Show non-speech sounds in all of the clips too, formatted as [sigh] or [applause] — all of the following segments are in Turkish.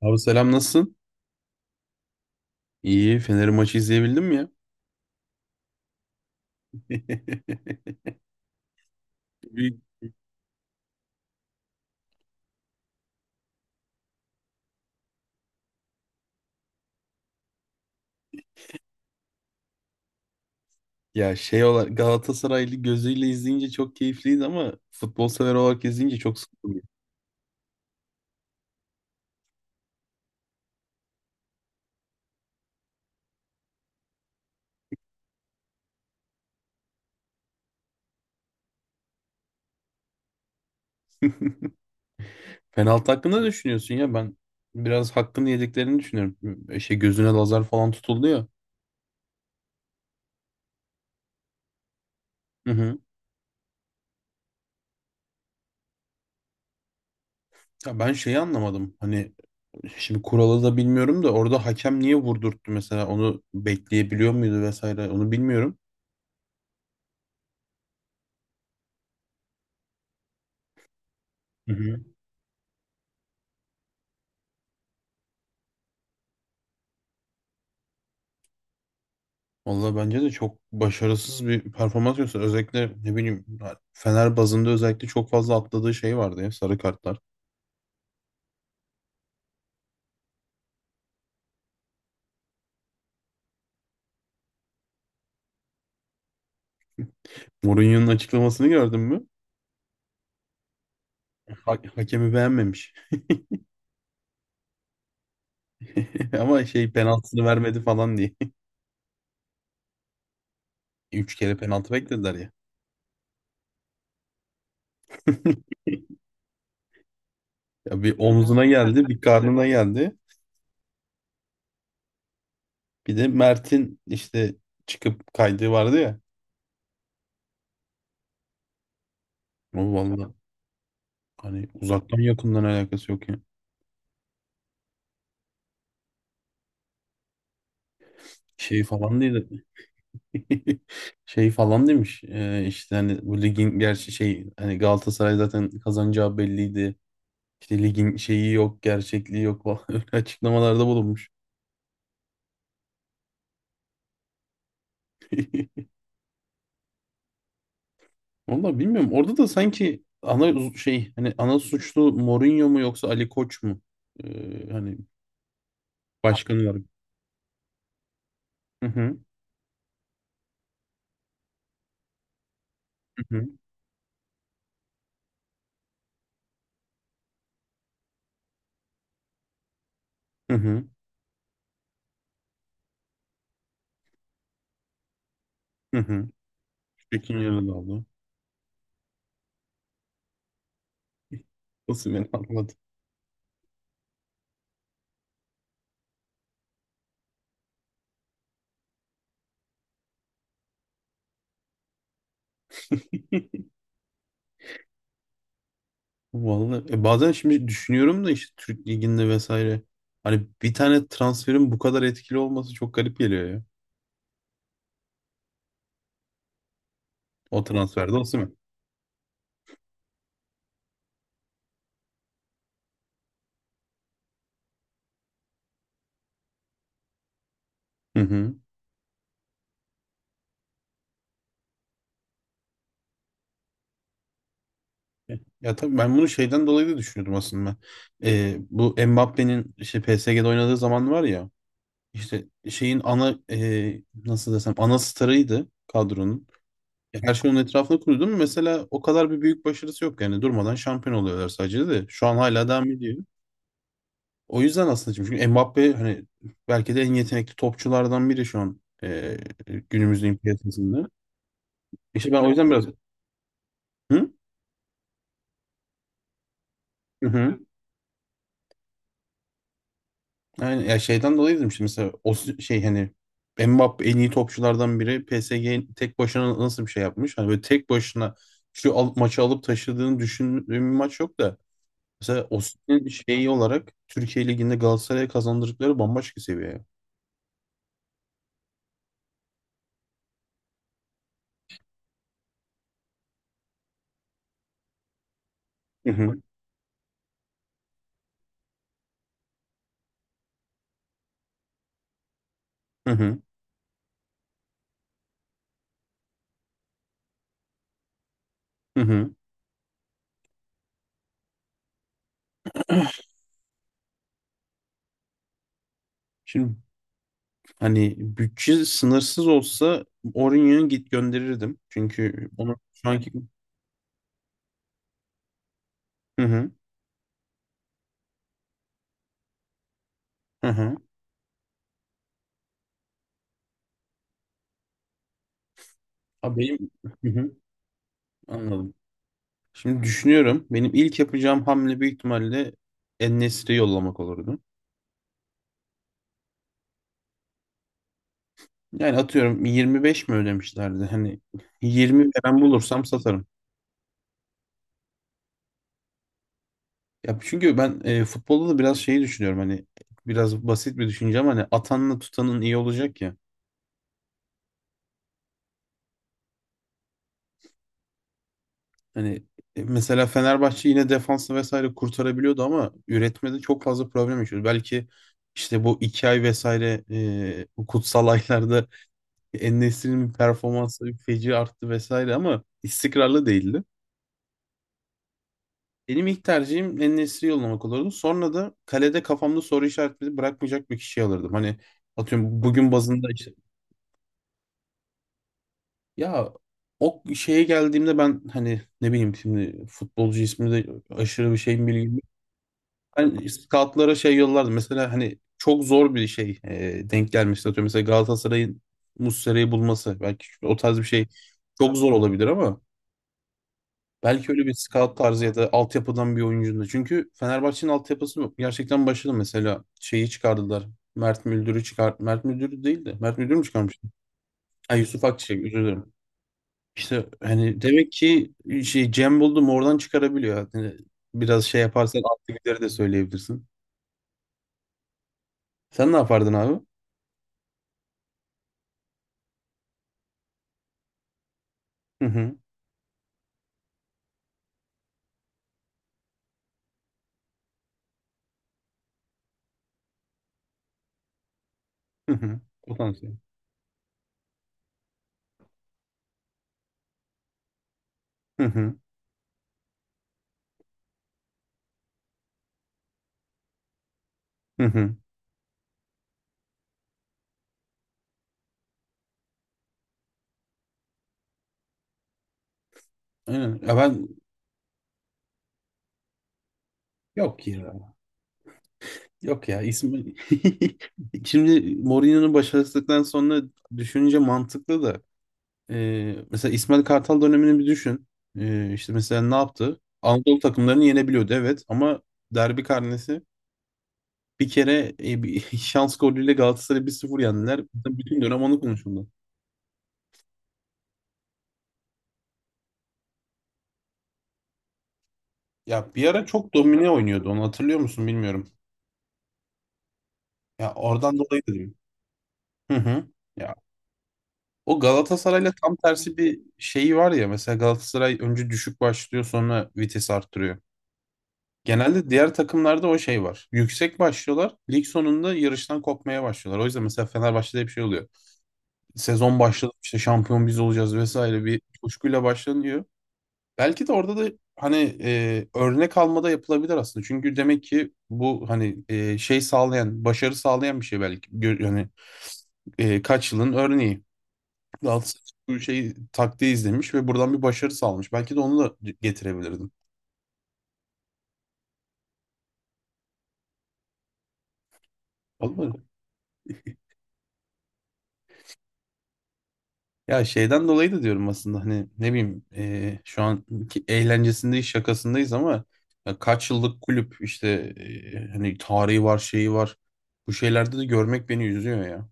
Abi selam nasılsın? İyi. Fener'in maçı izleyebildin mi ya? İyi. Ya şey olarak Galatasaraylı gözüyle izleyince çok keyifliydi ama futbol sever olarak izleyince çok sıkıldım. Penaltı hakkında ne düşünüyorsun ya? Ben biraz hakkını yediklerini düşünüyorum. Şey gözüne lazer falan tutuldu ya. Hı hı. Ya ben şeyi anlamadım. Hani şimdi kuralı da bilmiyorum da orada hakem niye vurdurttu mesela? Onu bekleyebiliyor muydu vesaire? Onu bilmiyorum. Hı hı. Vallahi bence de çok başarısız bir performans gösterdi. Özellikle ne bileyim Fener bazında özellikle çok fazla atladığı şey vardı ya sarı kartlar. Mourinho'nun açıklamasını gördün mü? Hakemi beğenmemiş. [laughs] Ama şey penaltısını vermedi falan diye. [laughs] Üç kere penaltı beklediler ya. [laughs] Ya bir omzuna geldi, bir karnına geldi. Bir de Mert'in işte çıkıp kaydığı vardı ya. O vallahi hani uzaktan yakından alakası yok ya. Şey falan değil. [laughs] Şey falan demiş işte hani bu ligin gerçi şey hani Galatasaray zaten kazanacağı belliydi. İşte ligin şeyi yok, gerçekliği yok falan [laughs] öyle açıklamalarda bulunmuş. [laughs] Vallahi bilmiyorum. Orada da sanki ana şey hani ana suçlu Mourinho mu yoksa Ali Koç mu? Hani başkan olarak. Hı hı hı hı hı hı. Hı. Tekin yerini aldı. [laughs] Osimhen aldı. Vallahi bazen şimdi düşünüyorum da işte Türk Ligi'nde vesaire. Hani bir tane transferin bu kadar etkili olması çok garip geliyor ya. O transferde Osimhen. Hı hı. E, Ya tabii ben bunu şeyden dolayı da düşünüyordum aslında. Bu Mbappé'nin işte PSG'de oynadığı zaman var ya işte şeyin ana nasıl desem ana starıydı kadronun. Her şey onun etrafında kuruldu mu? Mesela o kadar bir büyük başarısı yok yani durmadan şampiyon oluyorlar sadece de. Şu an hala devam ediyor. O yüzden aslında şimdi çünkü Mbappe hani belki de en yetenekli topçulardan biri şu an günümüzün piyasasında. İşte ben o yüzden biraz hı hı. Hı. Yani ya şeyden dolayı dedim işte mesela o şey hani Mbappe en iyi topçulardan biri PSG tek başına nasıl bir şey yapmış? Hani böyle tek başına maçı alıp taşıdığını düşündüğüm bir maç yok da mesela Osimhen'in şeyi olarak Türkiye Ligi'nde Galatasaray'a kazandırdıkları bambaşka seviye. Hı hı. Hı hı. Hı hı. Şimdi hani bütçe sınırsız olsa Orion'u git gönderirdim. Çünkü onu şu anki... Hı hı. Hı hı. Ha, benim... Hı hı. Anladım. Şimdi düşünüyorum. Benim ilk yapacağım hamle büyük ihtimalle en yollamak olurdu. Yani atıyorum 25 mi ödemişlerdi? Hani 20 veren bulursam satarım. Ya çünkü ben futbolda da biraz şeyi düşünüyorum hani biraz basit bir düşünce ama hani atanla tutanın iyi olacak ya. Hani mesela Fenerbahçe yine defansı vesaire kurtarabiliyordu ama üretmede çok fazla problem yaşıyordu. Belki işte bu iki ay vesaire bu kutsal [laughs] aylarda En-Nesyri'nin performansı feci arttı vesaire ama istikrarlı değildi. Benim ilk tercihim En-Nesyri yollamak olurdu. Sonra da kalede kafamda soru işaretleri bırakmayacak bir kişi alırdım. Hani atıyorum bugün bazında işte ya o şeye geldiğimde ben hani ne bileyim şimdi futbolcu ismi de aşırı bir şeyin bilgim. Ben scoutlara şey yollardı. Mesela hani çok zor bir şey denk gelmişti. Atıyorum mesela Galatasaray'ın Muslera'yı bulması. Belki o tarz bir şey çok zor olabilir ama belki öyle bir scout tarzı ya da altyapıdan bir oyuncunun da. Çünkü Fenerbahçe'nin altyapısı gerçekten başarılı. Mesela şeyi çıkardılar. Mert Müldür'ü çıkar. Mert Müldür değil de. Mert Müldür mü çıkarmıştı? Ay Yusuf Akçiçek özür dilerim. İşte hani demek ki şey Cem buldum oradan çıkarabiliyor. Yani biraz şey yaparsan altyapıları da söyleyebilirsin. Sen ne yapardın abi? Hı hı. Hı hı. Potansiyel. Hı hı. Hı hı. Aynen. Ya ben yok ya. Yok ya. İsmi [laughs] şimdi Mourinho'nun başarısızlıktan sonra düşününce mantıklı da mesela İsmail Kartal dönemini bir düşün. İşte mesela ne yaptı? Anadolu takımlarını yenebiliyordu evet ama derbi karnesi bir kere bir [laughs] şans golüyle Galatasaray'ı bir sıfır yendiler. Bütün dönem onu konuşuldu. Ya bir ara çok domine oynuyordu onu hatırlıyor musun bilmiyorum. Ya oradan dolayı dedim. Hı hı. Ya o Galatasaray'la tam tersi bir şeyi var ya mesela Galatasaray önce düşük başlıyor sonra vites arttırıyor. Genelde diğer takımlarda o şey var. Yüksek başlıyorlar. Lig sonunda yarıştan kopmaya başlıyorlar. O yüzden mesela Fenerbahçe'de hep şey oluyor. Sezon başladı işte şampiyon biz olacağız vesaire bir coşkuyla başlanıyor. Belki de orada da hani örnek almada yapılabilir aslında. Çünkü demek ki bu hani şey sağlayan, başarı sağlayan bir şey belki. Gör, yani kaç yılın örneği. Galatasaray bu şey taktiği izlemiş ve buradan bir başarı sağlamış. Belki de onu da getirebilirdim. Olmadı. Ya şeyden dolayı da diyorum aslında hani ne bileyim şu an eğlencesindeyiz şakasındayız ama ya kaç yıllık kulüp işte hani tarihi var şeyi var. Bu şeylerde de görmek beni üzüyor ya.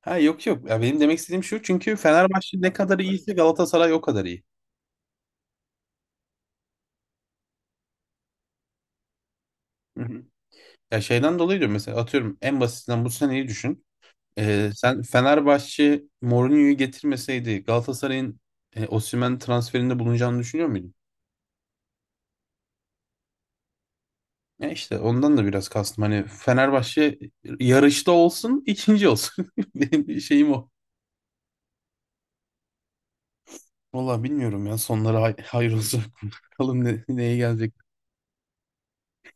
Ha yok yok ya benim demek istediğim şu çünkü Fenerbahçe ne kadar iyiyse Galatasaray o kadar iyi. Hı hı. Ya şeyden dolayı diyorum mesela atıyorum en basitinden bu seneyi düşün. Sen Fenerbahçe Mourinho'yu getirmeseydi Galatasaray'ın Osimhen transferinde bulunacağını düşünüyor muydun? Ya işte ondan da biraz kastım. Hani Fenerbahçe yarışta olsun, ikinci olsun. [laughs] Benim bir şeyim o. Valla bilmiyorum ya sonları hay hayır olsun. [laughs] Bakalım ne, neye gelecek.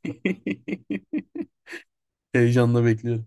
[laughs] Heyecanla bekliyorum.